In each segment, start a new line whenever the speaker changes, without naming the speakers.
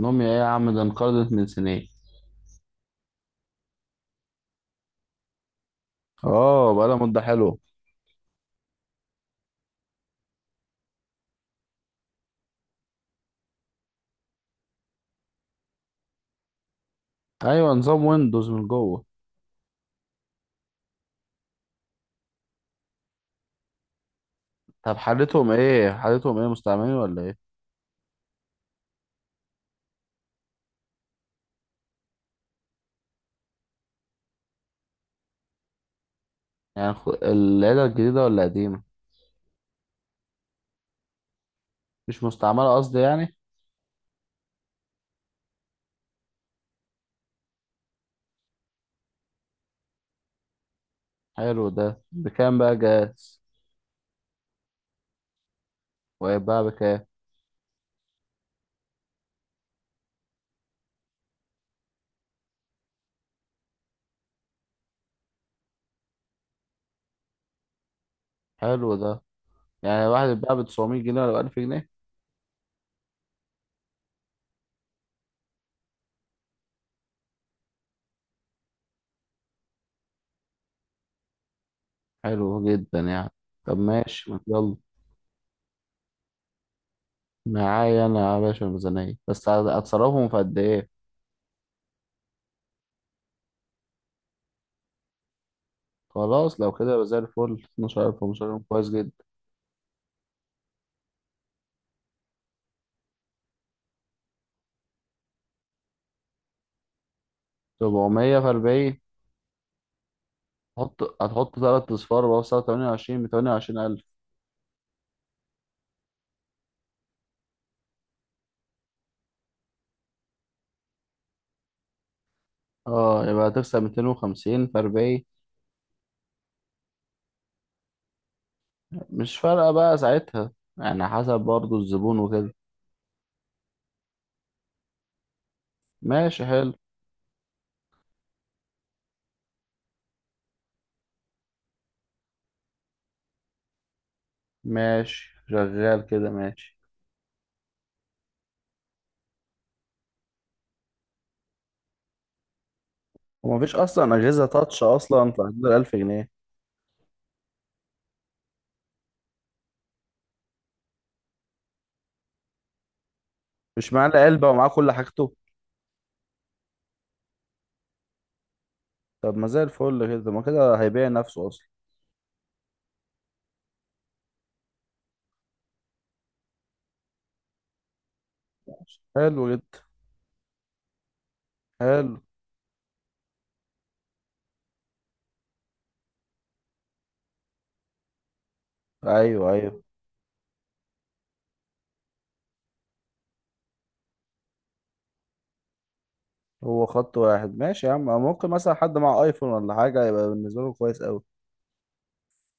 نوميا ايه يا عم؟ ده انقرضت من سنين. اه، بقالها مدة حلوة. ايوه، نظام ويندوز من جوه. طب حالتهم ايه، مستعملين ولا ايه؟ يعني العيلة الجديدة ولا قديمة؟ مش مستعملة قصدي يعني. حلو، ده بكام بقى جاهز؟ وهيتباع بكام؟ حلو ده. يعني واحد يتباع ب 900 جنيه ولا ب 1000 جنيه؟ حلو جدا يعني. طب ماشي، ما يلا. معايا انا يا باشا الميزانية، بس هتصرفهم في قد ايه؟ خلاص لو كده يبقى زي الفل، 12000، 15000، كويس جدا. 700 في 40، هتحط تلات أصفار بقى في سعر 28، بتمانية وعشرين ألف. اه، يبقى هتكسب 250 في 40. مش فارقة بقى ساعتها، يعني حسب برضو الزبون وكده. ماشي حلو، ماشي شغال كده، ماشي. ومفيش أصلا أجهزة تاتش أصلا في حدود الألف جنيه. مش معاه إلا علبة ومعاه كل حاجته. طب ما زي الفل كده، ما كده هيبيع نفسه أصلا. حلو جدا. حلو. أيوه أيوه. هو خط واحد، ماشي يا عم، ممكن مثلا حد مع ايفون ولا حاجة يبقى بالنسبة له كويس أوي.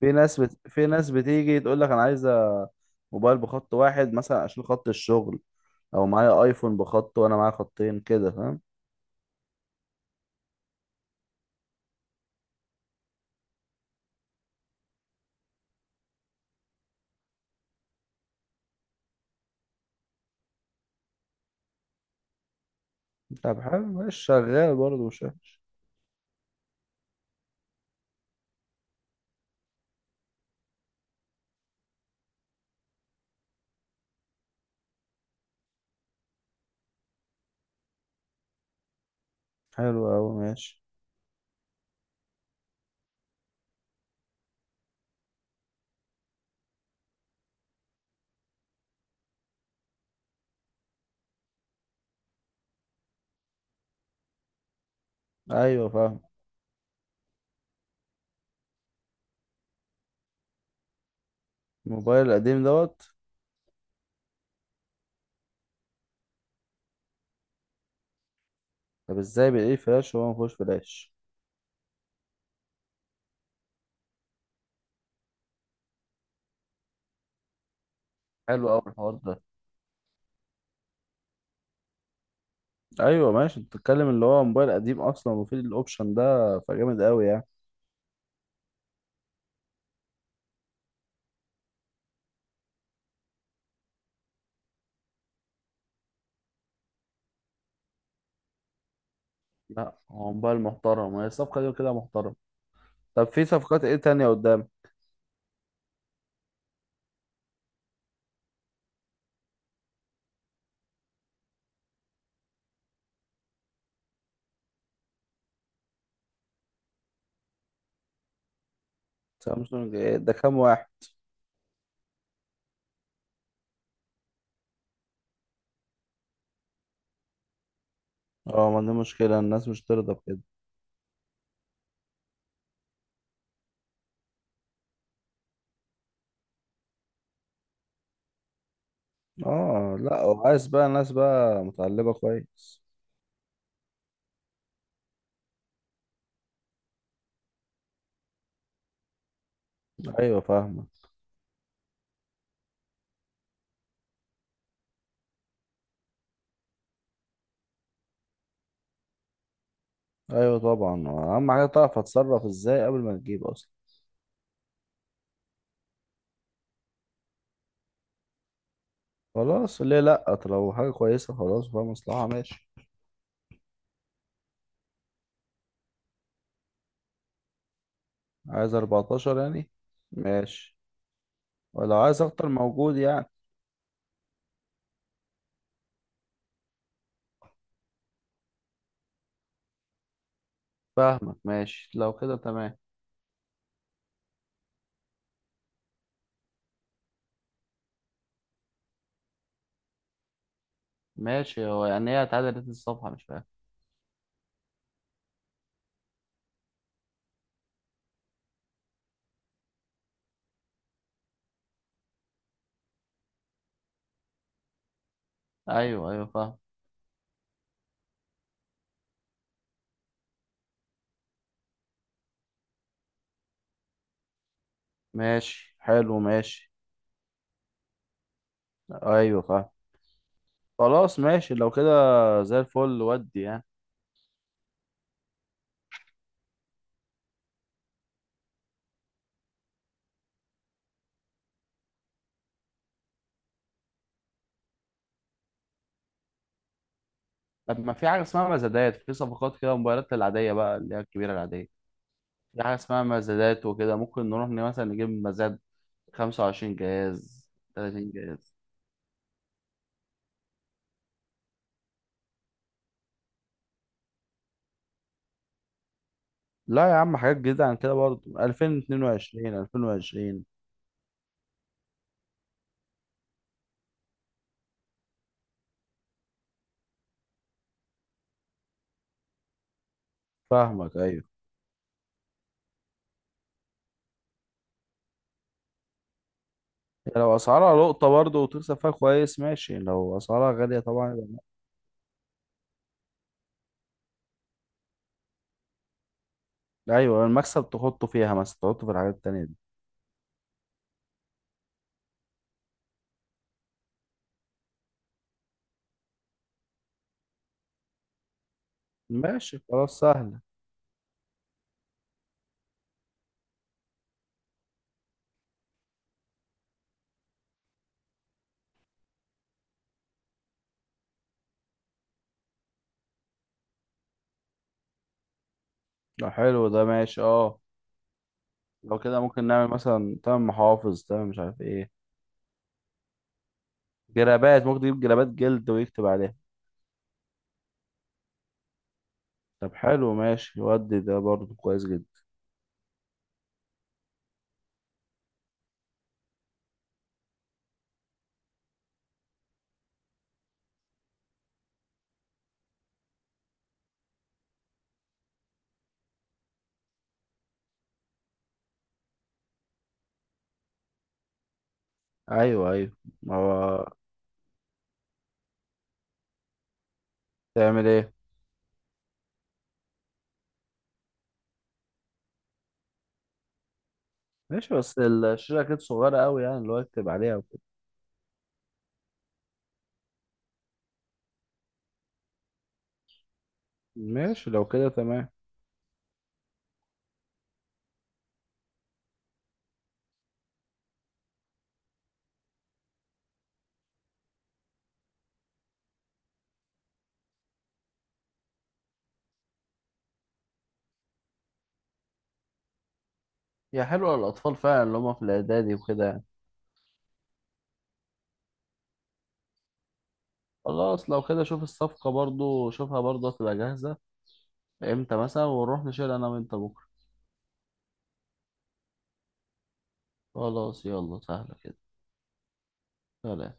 في ناس بتيجي تقول لك انا عايزه موبايل بخط واحد مثلا عشان خط الشغل. او معايا ايفون بخط وانا معايا خطين كده، فاهم؟ طب حلو، ماشي شغال برضه، مش وحش. حلو اوي، ماشي. ايوه فاهم. الموبايل القديم دوت. طب ازاي بالايه فلاش وهو مفيهوش فلاش؟ حلو اوي الحوار ده. ايوه ماشي، انت بتتكلم اللي هو موبايل قديم اصلا وفي الاوبشن ده، فجامد اوي يعني. لا هو موبايل محترم، هي الصفقه دي كده محترم. طب في صفقات ايه تانية قدام؟ سامسونج إيه ده، كام واحد؟ اه، ما دي مشكلة الناس مش ترضى بكده. اه لا، وعايز بقى الناس بقى متعلبة كويس. ايوه فاهمة. ايوه طبعا، اهم حاجة تعرف هتصرف ازاي قبل ما تجيب اصلا. خلاص، ليه لا، طب لو حاجة كويسة خلاص وفيها مصلحة، ماشي. عايز 14 يعني؟ ماشي. ولو عايز اكتر موجود يعني. فاهمك، ماشي لو كده تمام. ماشي، هو يعني هي اتعدلت الصفحة؟ مش فاهم. ايوه ايوه فاهم. ماشي حلو ماشي. ايوه فاهم. خلاص ماشي لو كده. زي الفل ودي يعني. طب ما في حاجه اسمها مزادات، في صفقات كده موبايلات العاديه بقى اللي هي الكبيره العاديه. في حاجه اسمها مزادات وكده، ممكن نروح مثلا نجيب مزاد. 25 جهاز، 30 جهاز. لا يا عم، حاجات جديده عن كده برضه، 2022، 2020. فاهمك، ايوه. يعني لو اسعارها لقطه برضه وتكسب فيها كويس، ماشي. لو اسعارها غاليه طبعا. يبقى ايوه، المكسب تحطه فيها مثلا، تحطه في الحاجات التانيه دي. ماشي خلاص، سهله. لو حلو ده ماشي اه. لو كده ممكن نعمل مثلا تمن محافظ، تمن مش عارف ايه. جرابات ممكن تجيب، جرابات جلد ويكتب عليها. طب حلو، ماشي، ودي ده برضه كويس جدا. ايوه ايوه. ما هو. تعمل ايه؟ ماشي بس الشاشة كده صغيرة قوي يعني، اللي هو يكتب عليها وكده. ماشي لو كده تمام. هي حلوة للأطفال فعلا، اللي هم في الإعدادي وكده يعني. خلاص لو كده، شوف الصفقة برضو، شوفها برضو هتبقى جاهزة إمتى مثلا ونروح نشيل أنا وأنت بكرة. خلاص يلا، سهلة كده. سلام.